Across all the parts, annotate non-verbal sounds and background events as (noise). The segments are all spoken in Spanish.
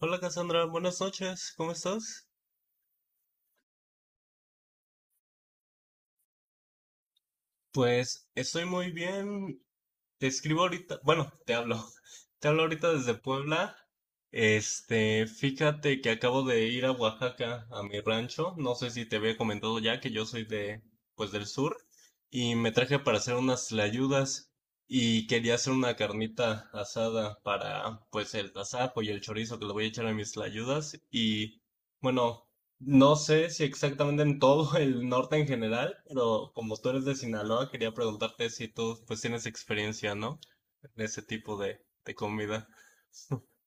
Hola Cassandra, buenas noches, ¿cómo estás? Pues estoy muy bien. Te escribo ahorita, bueno, te hablo. (laughs) Te hablo ahorita desde Puebla. Fíjate que acabo de ir a Oaxaca, a mi rancho. No sé si te había comentado ya que yo soy pues del sur. Y me traje para hacer unas tlayudas. Y quería hacer una carnita asada para, pues, el tasajo y el chorizo que le voy a echar a mis tlayudas. Y, bueno. No sé si exactamente en todo el norte en general, pero como tú eres de Sinaloa, quería preguntarte si tú pues tienes experiencia, ¿no? En ese tipo de comida. (laughs)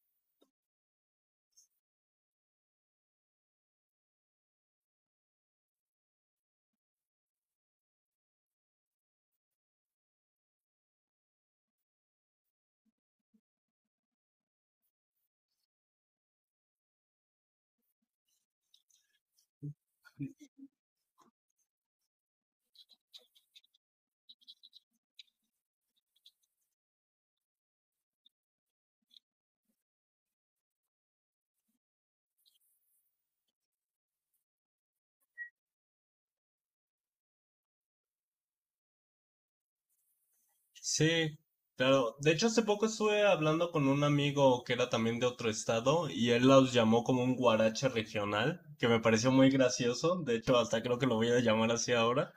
Sí, claro. De hecho, hace poco estuve hablando con un amigo que era también de otro estado y él los llamó como un guarache regional, que me pareció muy gracioso. De hecho, hasta creo que lo voy a llamar así ahora.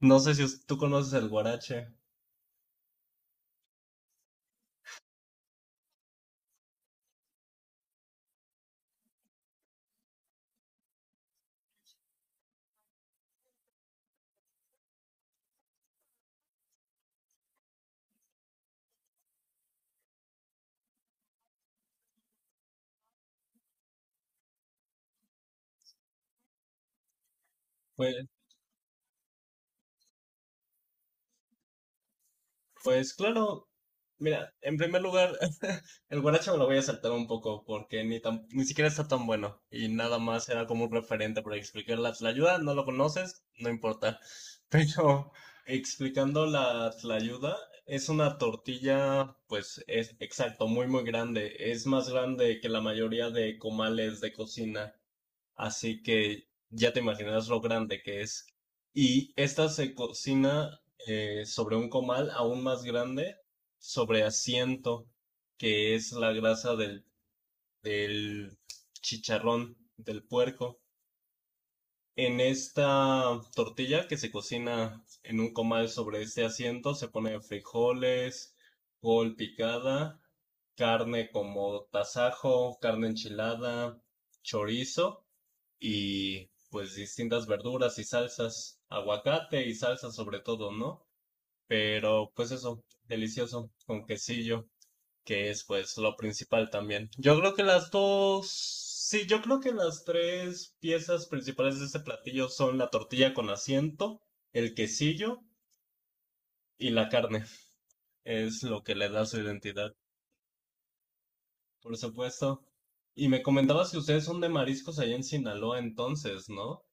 No sé si tú conoces el guarache. Pues claro, mira, en primer lugar, (laughs) el guaracha me lo voy a saltar un poco porque ni siquiera está tan bueno y nada más era como un referente para explicar la tlayuda, no lo conoces, no importa. (laughs) Pero explicando la tlayuda, es una tortilla, pues es exacto, muy muy grande, es más grande que la mayoría de comales de cocina. Así que ya te imaginas lo grande que es. Y esta se cocina sobre un comal aún más grande, sobre asiento, que es la grasa del chicharrón del puerco. En esta tortilla que se cocina en un comal sobre este asiento se pone frijoles, col picada, carne como tasajo, carne enchilada, chorizo y pues distintas verduras y salsas, aguacate y salsa sobre todo, ¿no? Pero pues eso, delicioso, con quesillo, que es pues lo principal también. Yo creo que las dos, sí, yo creo que las tres piezas principales de este platillo son la tortilla con asiento, el quesillo y la carne. Es lo que le da su identidad, por supuesto. Y me comentabas que ustedes son de mariscos allá en Sinaloa entonces, ¿no?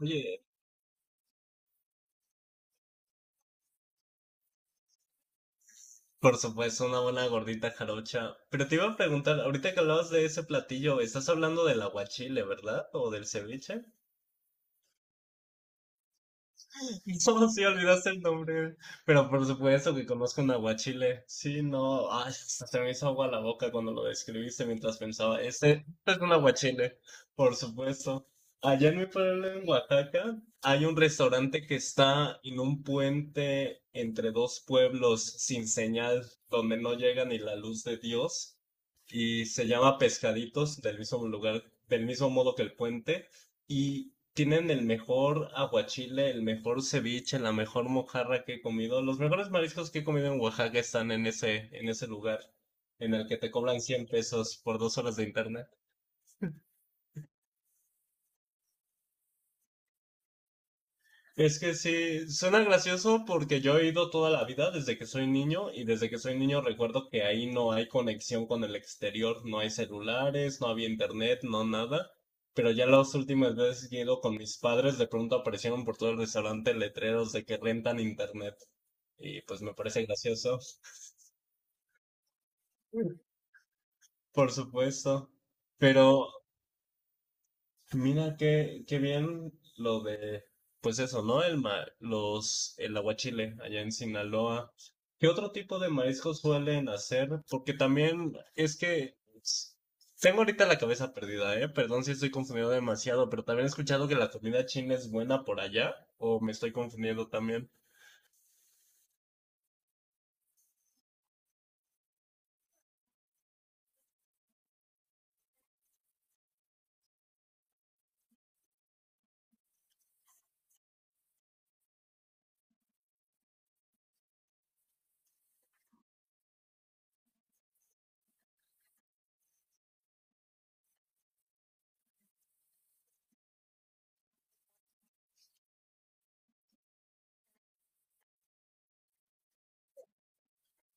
Oye, por supuesto, una buena gordita jarocha. Pero te iba a preguntar, ahorita que hablabas de ese platillo, estás hablando del aguachile, ¿verdad? ¿O del ceviche? (laughs) ¿Cómo si olvidaste el nombre? Pero por supuesto que conozco un aguachile. Sí, no, ay, hasta se me hizo agua la boca cuando lo describiste mientras pensaba, este es un aguachile, por supuesto. Allá en mi pueblo, en Oaxaca, hay un restaurante que está en un puente entre dos pueblos sin señal, donde no llega ni la luz de Dios, y se llama Pescaditos, del mismo lugar, del mismo modo que el puente. Y tienen el mejor aguachile, el mejor ceviche, la mejor mojarra que he comido. Los mejores mariscos que he comido en Oaxaca están en ese lugar, en el que te cobran 100 pesos por 2 horas de internet. Es que sí, suena gracioso porque yo he ido toda la vida desde que soy niño y desde que soy niño recuerdo que ahí no hay conexión con el exterior, no hay celulares, no había internet, no nada. Pero ya las últimas veces que he ido con mis padres, de pronto aparecieron por todo el restaurante letreros de que rentan internet. Y pues me parece gracioso, por supuesto. Pero mira qué, qué bien lo de, pues eso, ¿no? El aguachile allá en Sinaloa. ¿Qué otro tipo de mariscos suelen hacer? Porque también es que s- tengo ahorita la cabeza perdida, ¿eh? Perdón si estoy confundido demasiado, pero también he escuchado que la comida china es buena por allá, o me estoy confundiendo también.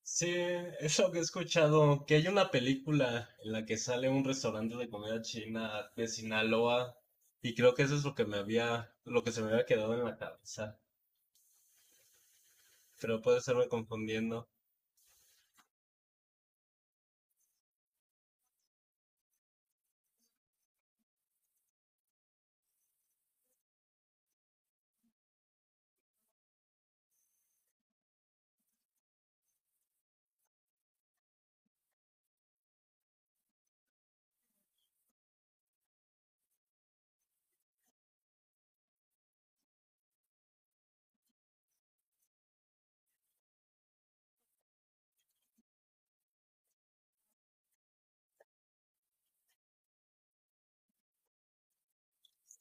Sí, eso que he escuchado, que hay una película en la que sale un restaurante de comida china de Sinaloa y creo que eso es lo que me había, lo que se me había quedado en la cabeza, pero puede estarme confundiendo.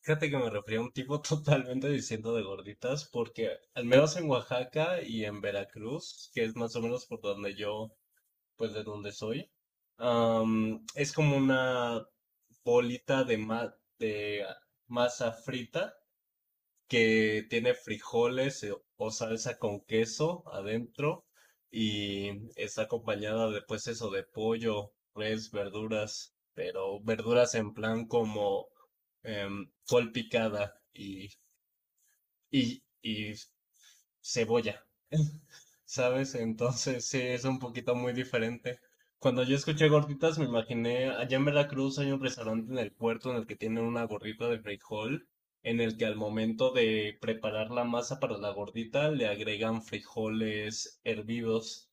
Fíjate que me refería a un tipo (laughs) totalmente diciendo de gorditas porque al menos en Oaxaca y en Veracruz, que es más o menos por donde yo, pues de donde soy, es como una bolita de masa frita que tiene frijoles o salsa con queso adentro y está acompañada de pues eso de pollo, res, verduras, pero verduras en plan como col picada y cebolla, (laughs) ¿sabes? Entonces sí, es un poquito muy diferente. Cuando yo escuché gorditas me imaginé, allá en Veracruz hay un restaurante en el puerto en el que tienen una gordita de frijol, en el que al momento de preparar la masa para la gordita le agregan frijoles hervidos.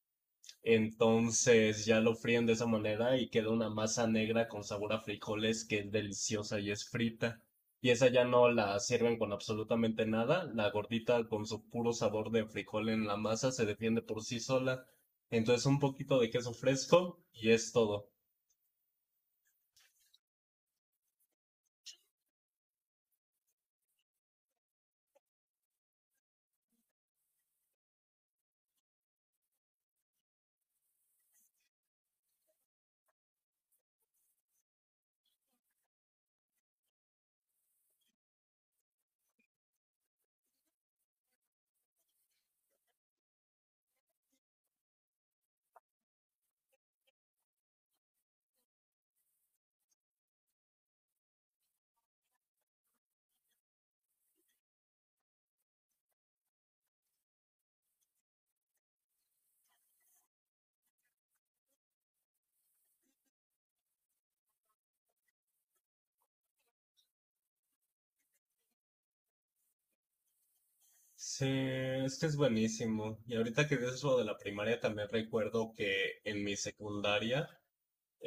Entonces ya lo fríen de esa manera y queda una masa negra con sabor a frijoles que es deliciosa y es frita. Y esa ya no la sirven con absolutamente nada. La gordita con su puro sabor de frijol en la masa se defiende por sí sola. Entonces un poquito de queso fresco y es todo. Sí, es que es buenísimo. Y ahorita que dices lo de la primaria, también recuerdo que en mi secundaria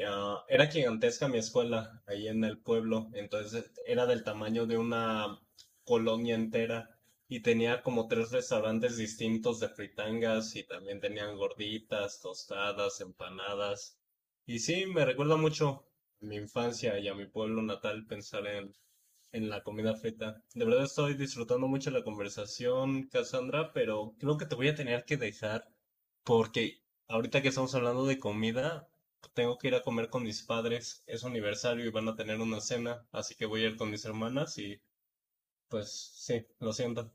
ah, era gigantesca mi escuela ahí en el pueblo, entonces era del tamaño de una colonia entera y tenía como tres restaurantes distintos de fritangas y también tenían gorditas, tostadas, empanadas. Y sí, me recuerda mucho a mi infancia y a mi pueblo natal pensar en la comida feta. De verdad estoy disfrutando mucho la conversación, Cassandra, pero creo que te voy a tener que dejar porque ahorita que estamos hablando de comida, tengo que ir a comer con mis padres. Es su aniversario y van a tener una cena, así que voy a ir con mis hermanas y pues sí, lo siento.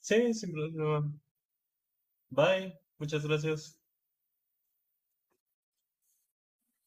Sí, sin problema. Bye, muchas gracias.